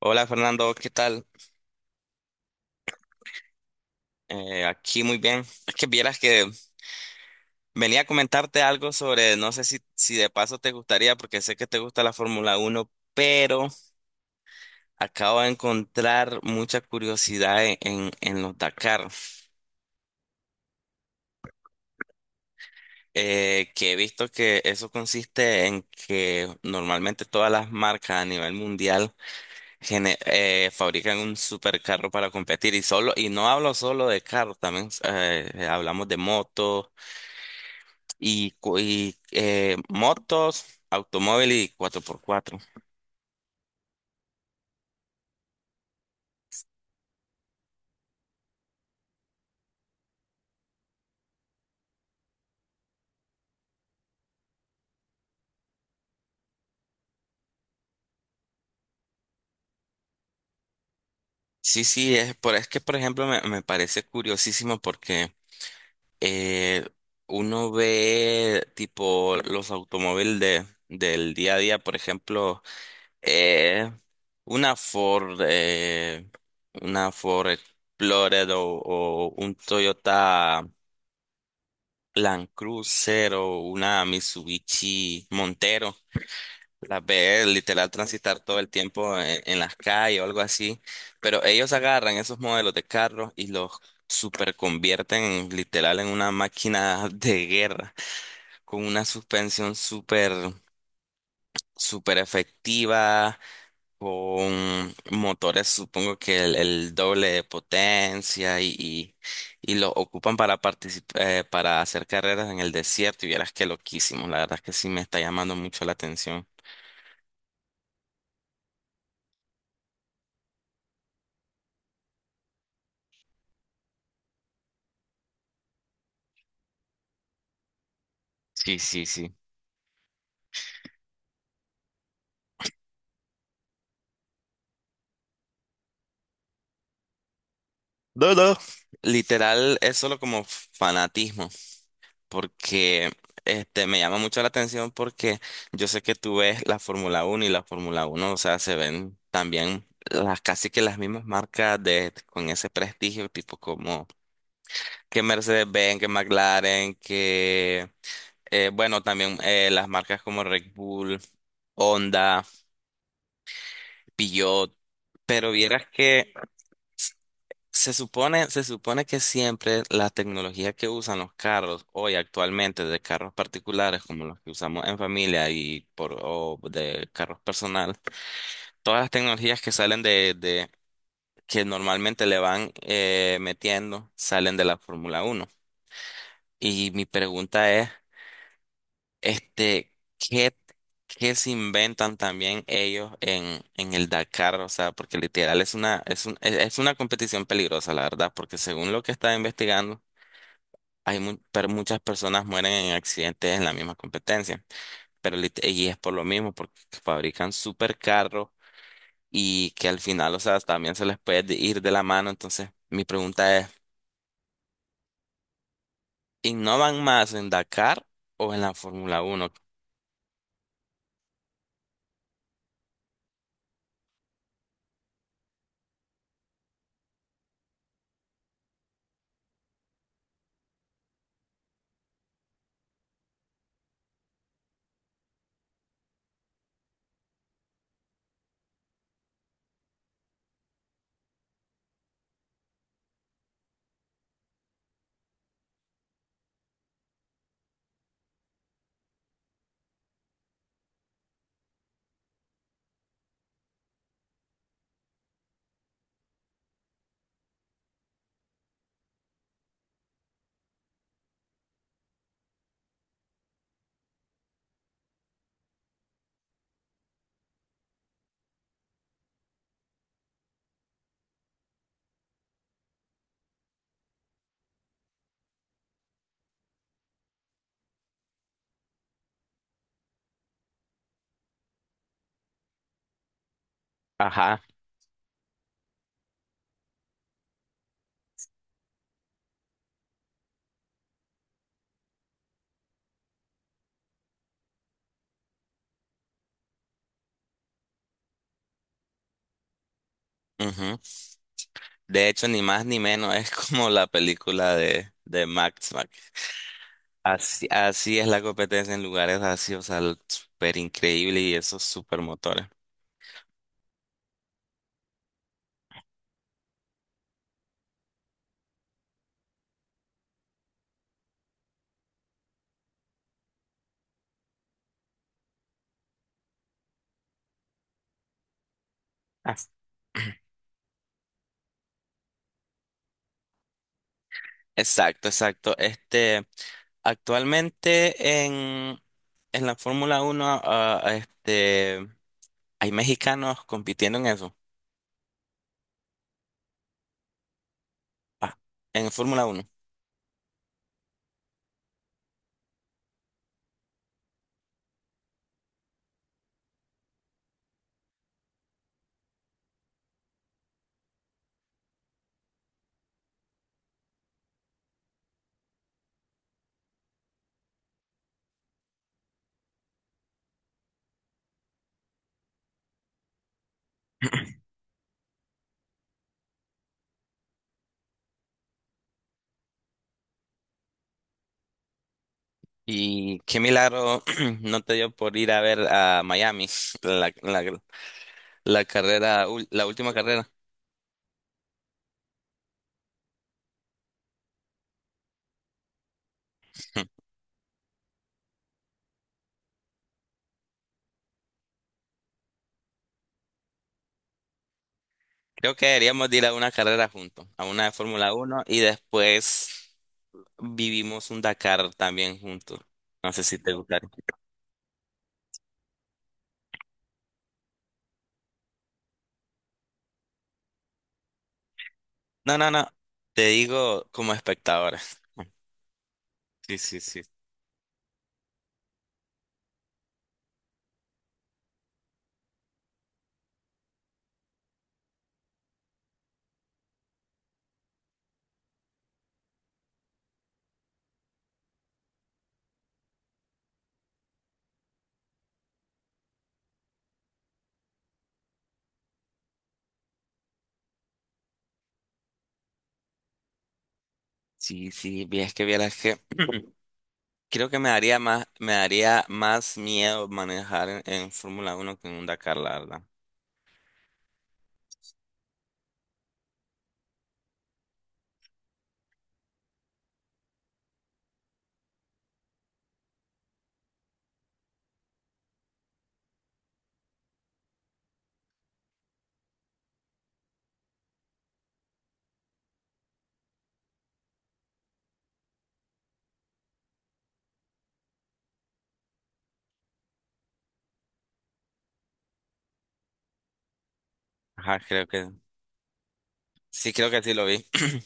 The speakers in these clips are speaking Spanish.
Hola, Fernando, ¿qué tal? Aquí muy bien. Es que vieras que venía a comentarte algo sobre, no sé si de paso te gustaría, porque sé que te gusta la Fórmula Uno, pero acabo de encontrar mucha curiosidad en los Dakar, que he visto que eso consiste en que normalmente todas las marcas a nivel mundial fabrican un supercarro para competir y solo, y no hablo solo de carros, también hablamos de motos y motos, automóvil y cuatro por cuatro. Sí, sí, es, por, es que por ejemplo me parece curiosísimo porque eh, uno ve tipo los automóviles del día a día, por ejemplo, eh, una Ford, eh, una Ford Explorer o un Toyota Land Cruiser o una Mitsubishi Montero. Las ve literal transitar todo el tiempo en las calles o algo así, pero ellos agarran esos modelos de carros y los super convierten literal en una máquina de guerra, con una suspensión super, super efectiva, con motores supongo que el doble de potencia y los ocupan para participar, para hacer carreras en el desierto y vieras que loquísimos, la verdad es que sí me está llamando mucho la atención. Sí, sí, sí. No, no. Literal, es solo como fanatismo, porque este me llama mucho la atención porque yo sé que tú ves la Fórmula Uno y la Fórmula Uno, o sea, se ven también las casi que las mismas marcas de con ese prestigio, tipo como que Mercedes-Benz, que McLaren, que bueno, también las marcas como Red Bull, Honda, Peugeot, pero vieras que se supone, se supone que siempre la tecnología que usan los carros hoy actualmente, de carros particulares como los que usamos en familia y por, o de carros personal, todas las tecnologías que salen de que normalmente le van metiendo, salen de la Fórmula Uno. Y mi pregunta es, este, ¿qué, qué se inventan también ellos en el Dakar? O sea, porque literal es una, es un- es una competición peligrosa, la verdad, porque según lo que estaba investigando, hay muchas personas mueren en accidentes en la misma competencia, pero y es por lo mismo, porque fabrican supercarros y que al final, o sea, también se les puede ir de la mano. Entonces, mi pregunta es, ¿innovan más en Dakar o en la Fórmula Uno? Ajá. Ujú. De hecho, ni más ni menos es como la película de Max Max. Así, así es la competencia en lugares así, o sea, súper increíble y esos super motores. Exacto, exacto. Este, actualmente en la Fórmula Uno, este, hay mexicanos compitiendo en eso, ah, en Fórmula Uno. Y qué milagro no te dio por ir a ver a Miami, la, la, la carrera, la última carrera. Creo que deberíamos de ir a una carrera juntos, a una de Fórmula Uno, y después vivimos un Dakar también juntos. No sé si te gustaría. No, no, no. Te digo como espectadora. Sí, sí, sí. Sí, sí, es que vieras que creo que me daría más miedo manejar en Fórmula Uno que en un Dakar, la verdad. Ajá, creo que sí lo vi.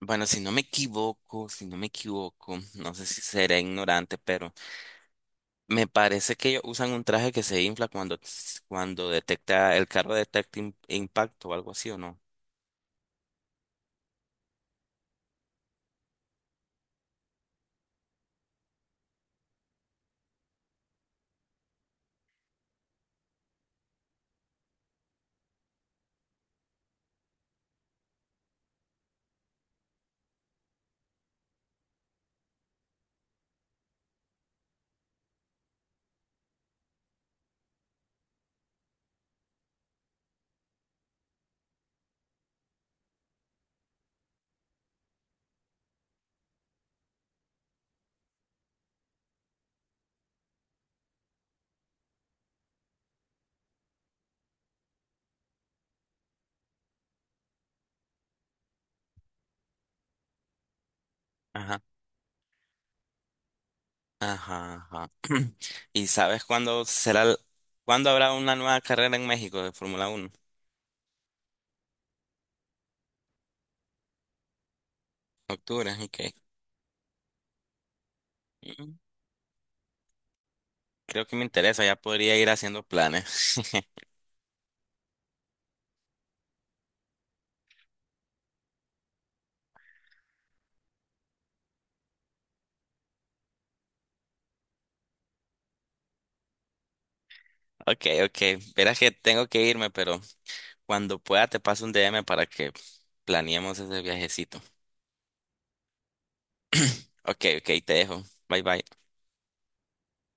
Bueno, si no me equivoco, si no me equivoco, no sé si seré ignorante, pero me parece que ellos usan un traje que se infla cuando, cuando detecta, el carro detecta impacto o algo así, ¿o no? Ajá, ajá, ajá. ¿Y sabes cuándo será, cuándo habrá una nueva carrera en México de Fórmula Uno? Octubre, ok. Mm, creo que me interesa, ya podría ir haciendo planes. Ok, ok. Verás que tengo que irme, pero cuando pueda te paso un DM para que planeemos ese viajecito. Ok, ok, te dejo. Bye, bye.